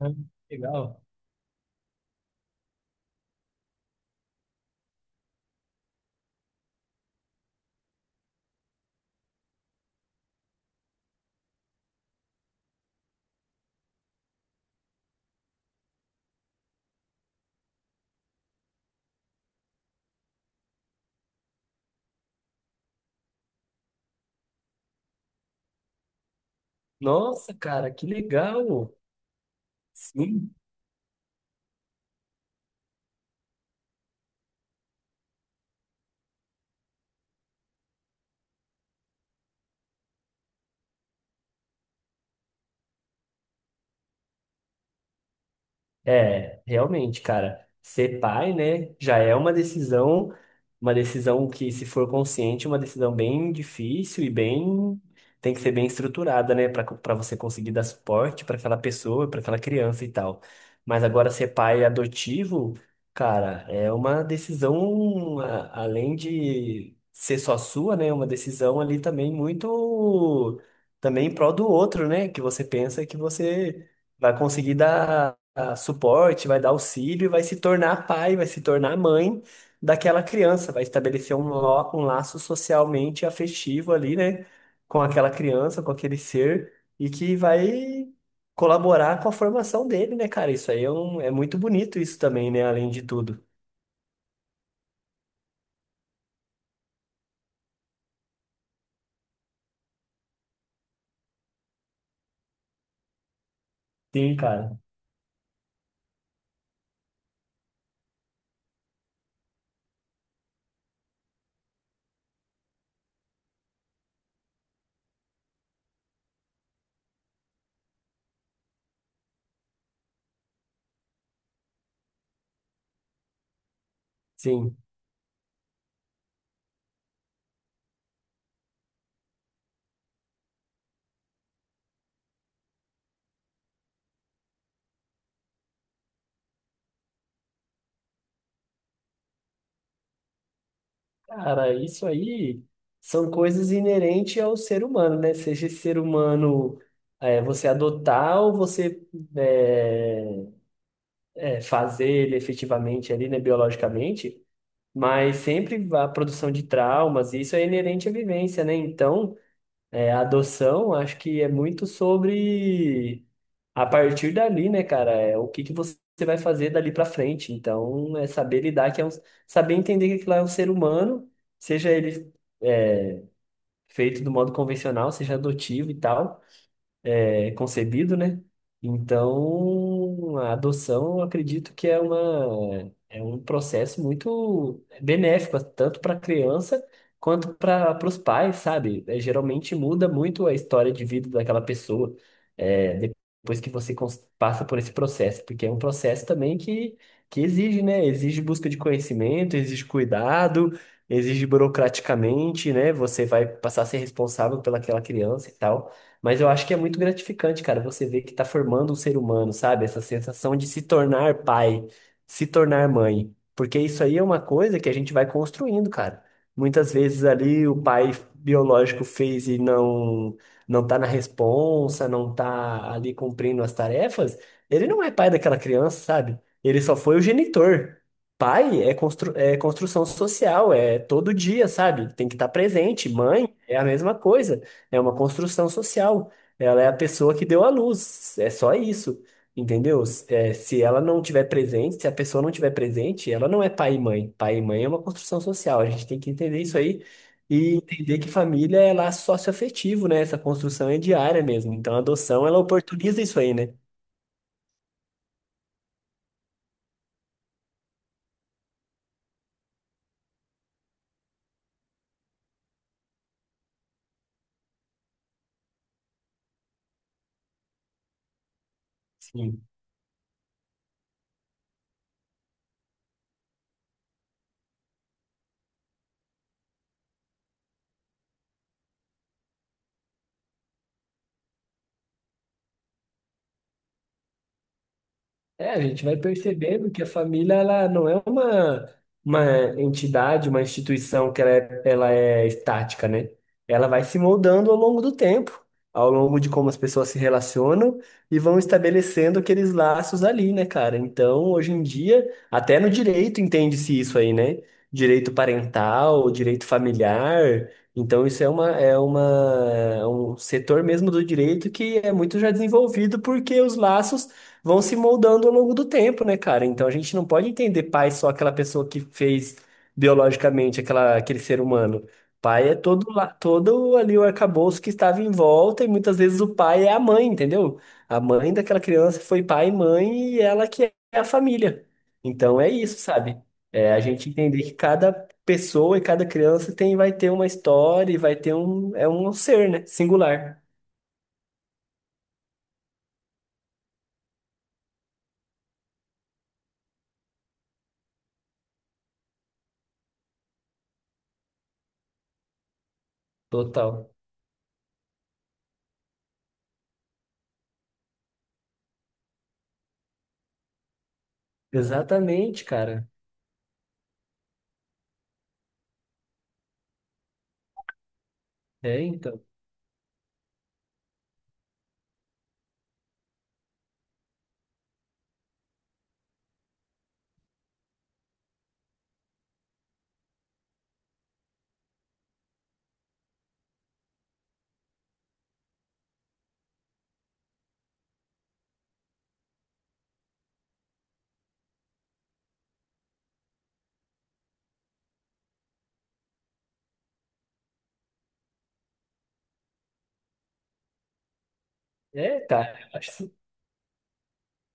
Ah, legal. Nossa, cara, que legal! Sim. É, realmente, cara, ser pai, né, já é uma decisão que, se for consciente, é uma decisão bem difícil e bem, tem que ser bem estruturada, né, para você conseguir dar suporte para aquela pessoa, para aquela criança e tal. Mas agora ser pai adotivo, cara, é uma decisão além de ser só sua, né, uma decisão ali também muito também em prol do outro, né, que você pensa que você vai conseguir dar suporte, vai dar auxílio e vai se tornar pai, vai se tornar mãe daquela criança, vai estabelecer um laço socialmente afetivo ali, né, com aquela criança, com aquele ser, e que vai colaborar com a formação dele, né, cara? Isso aí é, é muito bonito isso também, né, além de tudo. Sim, cara. Sim. Cara, isso aí são coisas inerentes ao ser humano, né? Seja esse ser humano, é, você adotar ou você eh, é, fazer ele efetivamente ali, né, biologicamente, mas sempre a produção de traumas, e isso é inerente à vivência, né? Então, é, a adoção, acho que é muito sobre a partir dali, né, cara, é o que que você vai fazer dali pra frente. Então, é saber lidar, que é um, saber entender que aquilo lá é um ser humano, seja ele feito do modo convencional, seja adotivo e tal. É, concebido, né? Então, a adoção, eu acredito que é uma, é um processo muito benéfico, tanto para a criança quanto para os pais, sabe? É, geralmente muda muito a história de vida daquela pessoa, é, depois que você passa por esse processo, porque é um processo também que exige, né? Exige busca de conhecimento, exige cuidado, exige burocraticamente, né? Você vai passar a ser responsável pelaquela criança e tal. Mas eu acho que é muito gratificante, cara, você ver que tá formando um ser humano, sabe? Essa sensação de se tornar pai, se tornar mãe. Porque isso aí é uma coisa que a gente vai construindo, cara. Muitas vezes ali o pai biológico fez e não tá na responsa, não tá ali cumprindo as tarefas, ele não é pai daquela criança, sabe? Ele só foi o genitor. Pai é, constru é construção social, é todo dia, sabe? Tem que estar presente. Mãe é a mesma coisa. É uma construção social. Ela é a pessoa que deu à luz. É só isso. Entendeu? É, se ela não tiver presente, se a pessoa não tiver presente, ela não é pai e mãe. Pai e mãe é uma construção social. A gente tem que entender isso aí e entender que família é laço socioafetivo, né? Essa construção é diária mesmo. Então, a adoção, ela oportuniza isso aí, né? Sim. É, a gente vai percebendo que a família ela não é uma entidade, uma instituição que ela é estática, né? Ela vai se moldando ao longo do tempo, ao longo de como as pessoas se relacionam e vão estabelecendo aqueles laços ali, né, cara? Então, hoje em dia, até no direito entende-se isso aí, né? Direito parental, direito familiar. Então, isso é uma, é uma, é um setor mesmo do direito que é muito já desenvolvido porque os laços vão se moldando ao longo do tempo, né, cara? Então a gente não pode entender pai só aquela pessoa que fez biologicamente aquela, aquele ser humano. Pai é todo, todo ali o arcabouço que estava em volta, e muitas vezes o pai é a mãe, entendeu? A mãe daquela criança foi pai e mãe, e ela que é a família. Então é isso, sabe? É a gente entender que cada pessoa e cada criança tem, vai ter uma história e vai ter um, é um ser, né? Singular. Total. Exatamente, cara. É, então. É, cara, acho que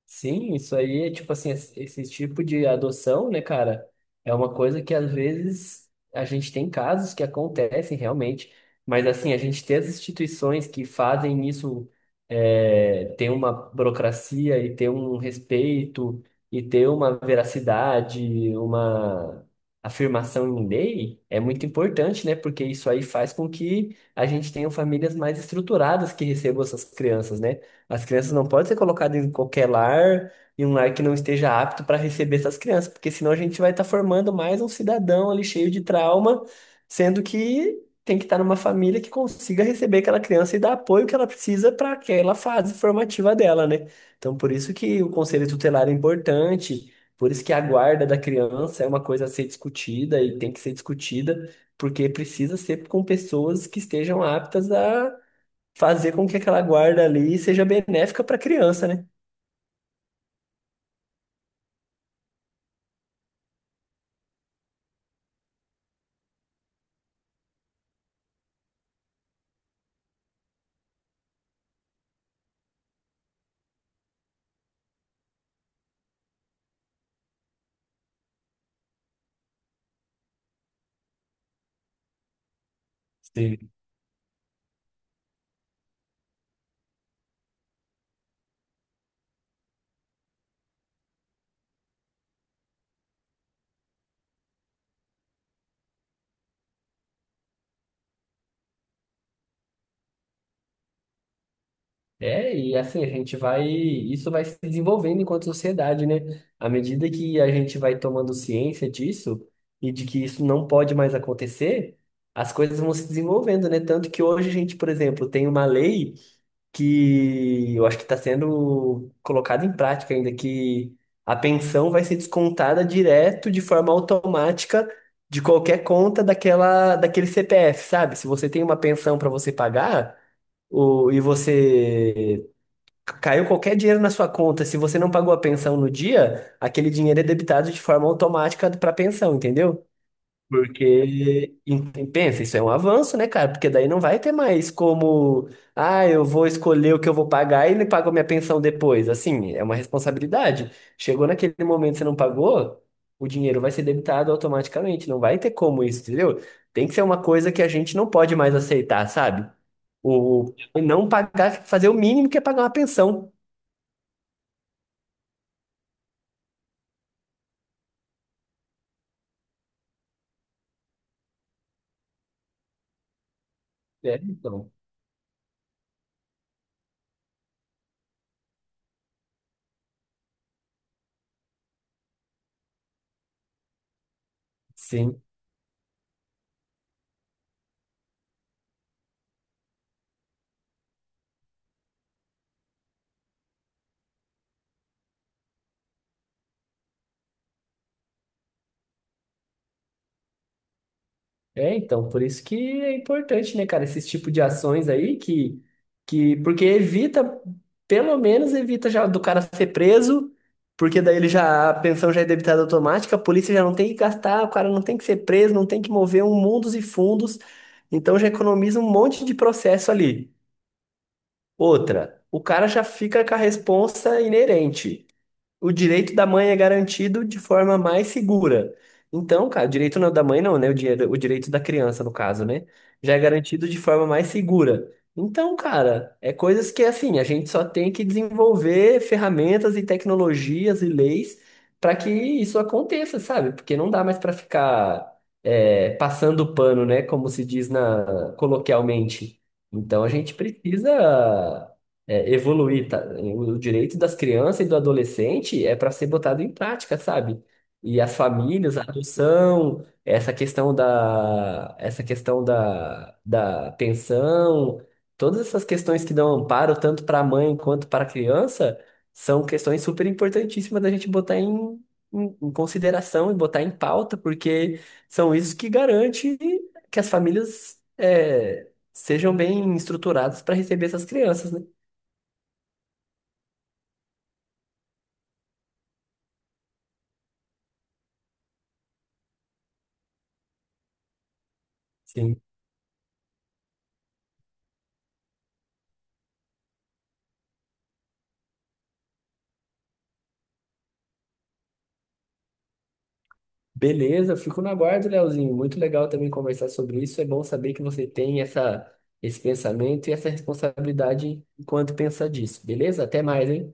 sim, isso aí é tipo assim, esse tipo de adoção, né, cara, é uma coisa que às vezes a gente tem casos que acontecem realmente, mas assim, a gente ter as instituições que fazem isso é, ter uma burocracia e ter um respeito e ter uma veracidade, uma afirmação em lei é muito importante, né, porque isso aí faz com que a gente tenha famílias mais estruturadas que recebam essas crianças, né? As crianças não podem ser colocadas em qualquer lar, em um lar que não esteja apto para receber essas crianças, porque senão a gente vai estar formando mais um cidadão ali cheio de trauma, sendo que tem que estar numa família que consiga receber aquela criança e dar apoio que ela precisa para aquela fase formativa dela, né? Então, por isso que o conselho tutelar é importante, por isso que a guarda da criança é uma coisa a ser discutida e tem que ser discutida, porque precisa ser com pessoas que estejam aptas a fazer com que aquela guarda ali seja benéfica para a criança, né? Sim. É, e assim, a gente vai, isso vai se desenvolvendo enquanto sociedade, né? À medida que a gente vai tomando ciência disso e de que isso não pode mais acontecer, as coisas vão se desenvolvendo, né? Tanto que hoje a gente, por exemplo, tem uma lei. Que eu acho que está sendo colocado em prática ainda, que a pensão vai ser descontada direto de forma automática de qualquer conta daquela, daquele CPF, sabe? Se você tem uma pensão para você pagar, o, e você caiu qualquer dinheiro na sua conta, se você não pagou a pensão no dia, aquele dinheiro é debitado de forma automática para a pensão, entendeu? Porque, pensa, isso é um avanço, né, cara? Porque daí não vai ter mais como, ah, eu vou escolher o que eu vou pagar e ele paga a minha pensão depois. Assim, é uma responsabilidade. Chegou naquele momento que você não pagou, o dinheiro vai ser debitado automaticamente. Não vai ter como isso, entendeu? Tem que ser uma coisa que a gente não pode mais aceitar, sabe? O não pagar, fazer o mínimo que é pagar uma pensão. É, então. Sim. É, então, por isso que é importante, né, cara, esses tipo de ações aí que porque evita, pelo menos evita já do cara ser preso, porque daí ele já, a pensão já é debitada automática, a polícia já não tem que gastar, o cara não tem que ser preso, não tem que mover um mundos e fundos, então já economiza um monte de processo ali. Outra, o cara já fica com a responsa inerente o direito da mãe é garantido de forma mais segura. Então, cara, o direito da mãe não, né? O, o direito da criança, no caso, né? Já é garantido de forma mais segura. Então, cara, é coisas que, assim, a gente só tem que desenvolver ferramentas e tecnologias e leis para que isso aconteça, sabe? Porque não dá mais para ficar é, passando pano, né? Como se diz na, coloquialmente. Então, a gente precisa é, evoluir, tá? O direito das crianças e do adolescente é para ser botado em prática, sabe? E as famílias, a adoção, essa questão da, da pensão, todas essas questões que dão amparo tanto para a mãe quanto para a criança, são questões super importantíssimas da gente botar em, em, em consideração e botar em pauta, porque são isso que garante que as famílias é, sejam bem estruturadas para receber essas crianças, né? Sim. Beleza, fico na guarda, Leozinho. Muito legal também conversar sobre isso. É bom saber que você tem essa, esse pensamento e essa responsabilidade enquanto pensa disso. Beleza? Até mais, hein?